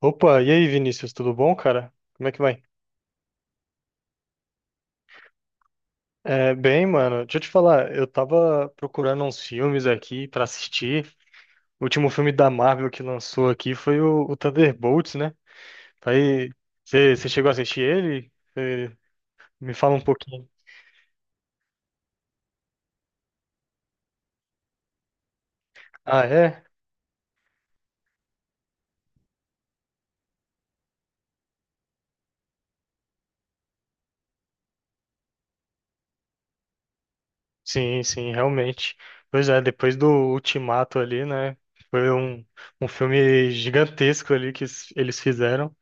Opa, e aí, Vinícius, tudo bom, cara? Como é que vai? Bem, mano, deixa eu te falar, eu tava procurando uns filmes aqui pra assistir. O último filme da Marvel que lançou aqui foi o Thunderbolts, né? Aí, você chegou a assistir ele? Cê me fala um pouquinho. Ah, é? Sim, sim, realmente. Pois é, depois do Ultimato ali, né? Foi um filme gigantesco ali que eles fizeram.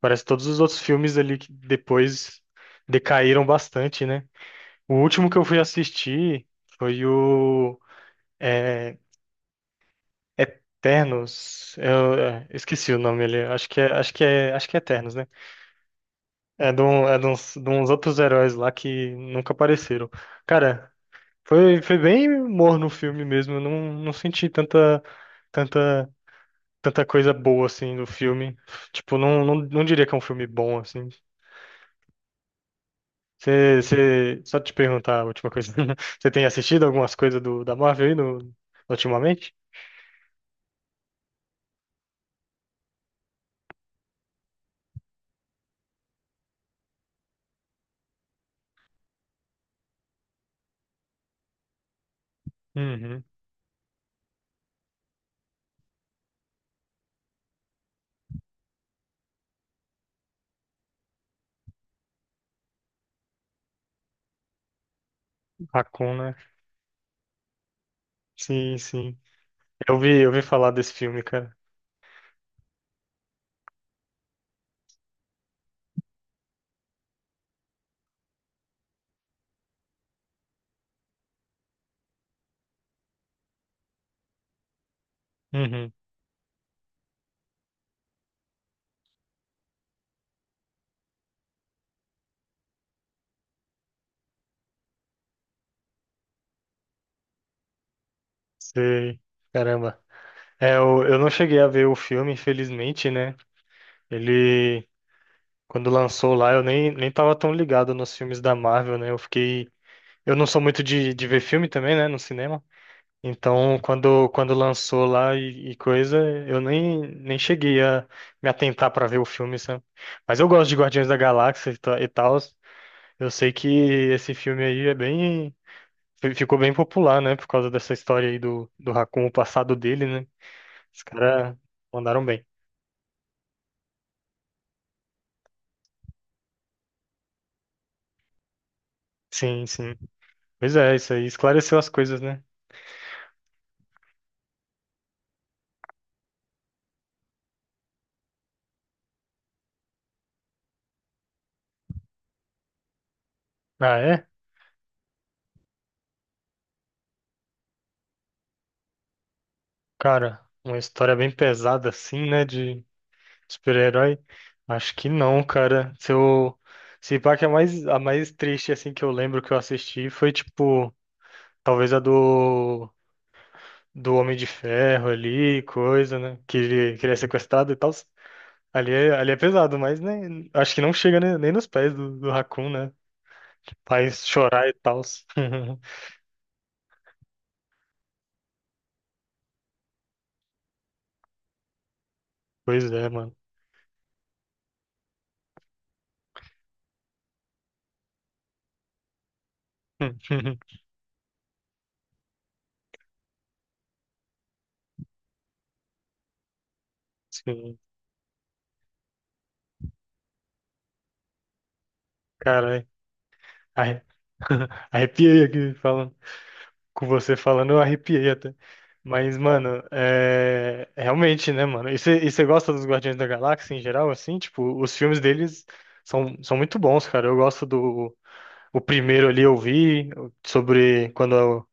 Parece que todos os outros filmes ali que depois decaíram bastante, né? O último que eu fui assistir foi o é, Eternos. Eu esqueci o nome ali. Acho que é Eternos, né? É de, é de uns outros heróis lá que nunca apareceram. Cara, foi bem morno o filme mesmo. Eu não senti tanta, tanta coisa boa assim no filme. Tipo, não diria que é um filme bom assim. Só te perguntar a última coisa. Você tem assistido algumas coisas da Marvel aí no, ultimamente? Uhum. Hakun, né? Sim, sim. Eu vi falar desse filme, cara. Uhum. Sei. Caramba. É, eu não cheguei a ver o filme, infelizmente, né? Ele, quando lançou lá, eu nem tava tão ligado nos filmes da Marvel, né? Eu fiquei. Eu não sou muito de ver filme também, né? No cinema. Então, quando lançou lá e coisa, eu nem cheguei a me atentar pra ver o filme, sabe? Mas eu gosto de Guardiões da Galáxia e tal. E tals. Eu sei que esse filme aí é bem. Ficou bem popular, né? Por causa dessa história aí do Raccoon, o passado dele, né? Os caras mandaram bem. Sim, sim. Pois é, isso aí esclareceu as coisas, né? Ah, é? Cara, uma história bem pesada assim, né? De super-herói. Acho que não, cara. Se eu... Se pá que a mais triste, assim, que eu lembro que eu assisti foi, tipo, talvez a do, do Homem de Ferro ali, coisa, né? Que ele é sequestrado e tal. Ali é pesado, mas nem, acho que não chega nem, nem nos pés do Raccoon, né? Faz chorar e tal. Pois é, mano. Sim, caralho. Arre- Arrepiei aqui falando. Com você falando, eu arrepiei até. Mas, mano, é... Realmente, né, mano? E você gosta dos Guardiões da Galáxia em geral, assim? Tipo, os filmes deles são muito bons, cara. Eu gosto do... O primeiro ali eu vi sobre quando,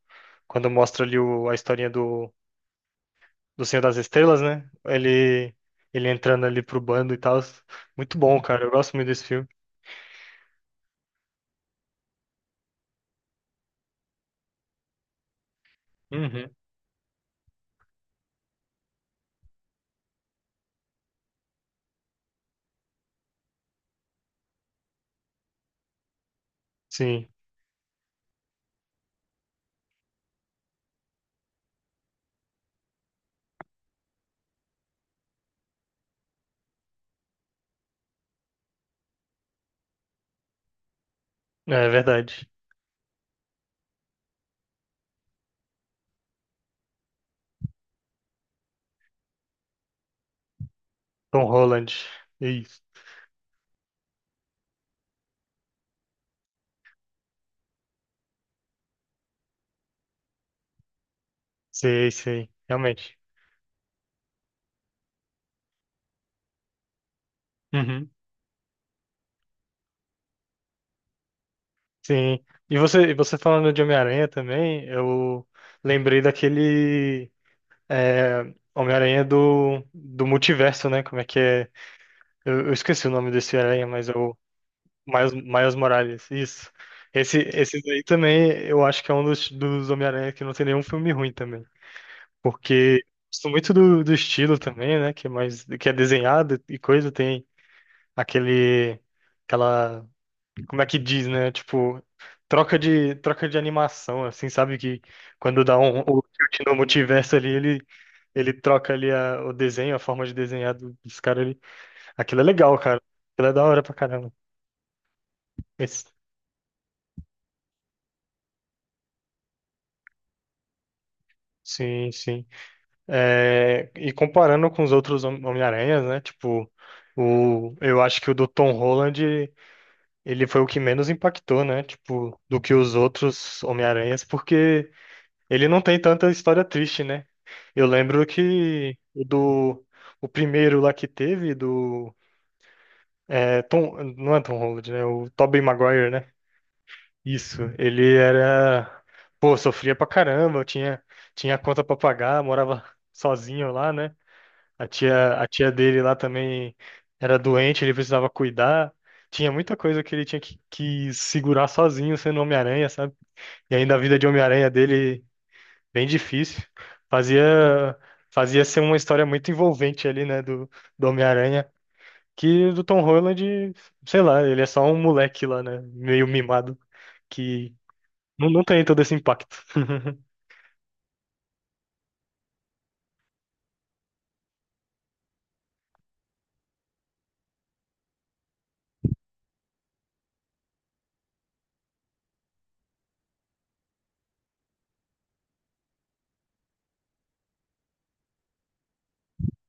quando mostra ali o... A historinha do Senhor das Estrelas, né? Ele entrando ali pro bando e tal. Muito bom, cara. Eu gosto muito desse filme. Uhum. Sim, é verdade. Tom Holland. Isso. Sei, sei. Realmente. Uhum. Sim. E você falando de Homem-Aranha também, eu lembrei daquele é, Homem-Aranha do multiverso, né? Como é que é? Eu esqueci o nome desse aranha, mas é o Miles Morales, isso. Esse daí também, eu acho que é um dos, dos Homem-Aranha que não tem nenhum filme ruim também. Porque gosto muito do estilo também, né? Que é mais, que é desenhado e coisa, tem aquele, aquela, como é que diz, né? Tipo, troca de animação, assim, sabe? Que quando dá um, o tilt no multiverso ali, ele troca ali a, o desenho, a forma de desenhar dos caras ali. Aquilo é legal, cara. Aquilo é da hora pra caramba. Esse- sim, sim. É, e comparando com os outros Homem-Aranhas, né? Tipo, o, eu acho que o do Tom Holland, ele foi o que menos impactou, né? Tipo, do que os outros Homem-Aranhas, porque ele não tem tanta história triste, né? Eu lembro que o primeiro lá que teve, do Tom, não é Tom Holland, né? O Tobey Maguire, né? Isso, ele era, pô, sofria pra caramba, tinha conta pra pagar, morava sozinho lá, né? A tia dele lá também era doente, ele precisava cuidar. Tinha muita coisa que ele tinha que segurar sozinho sendo Homem-Aranha, sabe? E ainda a vida de Homem-Aranha dele, bem difícil. Fazia, fazia ser uma história muito envolvente ali, né, do Homem-Aranha. Que do Tom Holland, sei lá, ele é só um moleque lá, né? Meio mimado, que não tem todo esse impacto.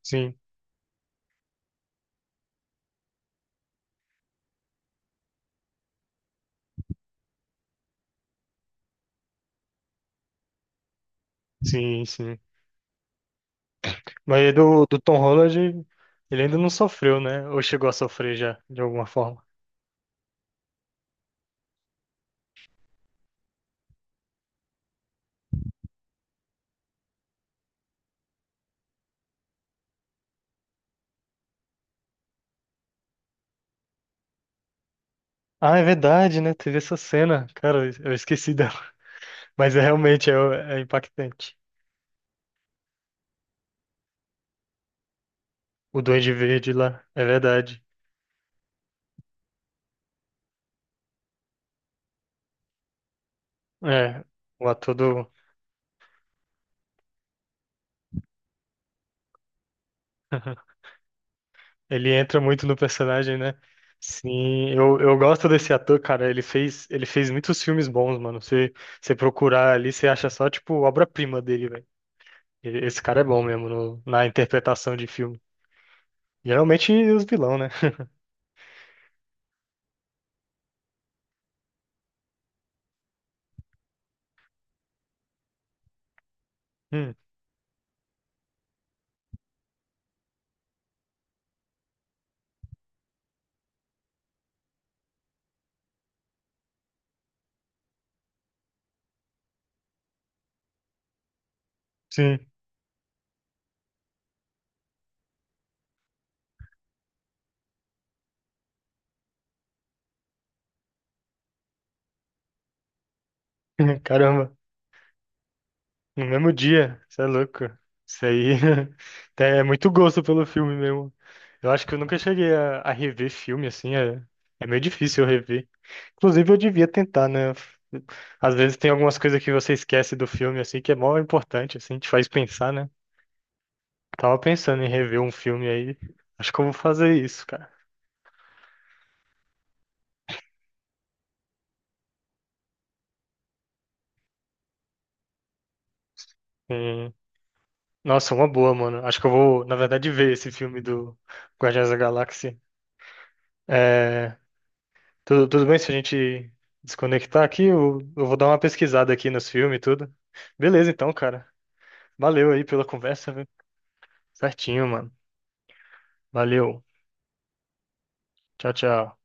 Sim, sim, sim. Mas do Tom Holland, ele ainda não sofreu, né? Ou chegou a sofrer já, de alguma forma. Ah, é verdade, né? Teve essa cena. Cara, eu esqueci dela. Mas é realmente é, é impactante. O Duende Verde lá, é verdade. É, o ator do. Ele entra muito no personagem, né? Sim, eu gosto desse ator, cara. Ele fez muitos filmes bons, mano. Você, você procurar ali, você acha só, tipo, obra-prima dele, velho. Esse cara é bom mesmo na interpretação de filme. Geralmente os vilão, né? Hum, sim. Caramba, no mesmo dia, você é louco. Isso aí até é muito gosto pelo filme mesmo. Eu acho que eu nunca cheguei a rever filme assim, é, é meio difícil eu rever. Inclusive, eu devia tentar, né? Às vezes tem algumas coisas que você esquece do filme, assim, que é mó importante, assim, te faz pensar, né? Tava pensando em rever um filme aí. Acho que eu vou fazer isso, cara. E- Nossa, uma boa, mano. Acho que eu vou, na verdade, ver esse filme do Guardiões da Galáxia. É, tudo bem se a gente desconectar aqui? Eu vou dar uma pesquisada aqui nos filmes e tudo. Beleza, então, cara. Valeu aí pela conversa, viu? Certinho, mano. Valeu. Tchau, tchau.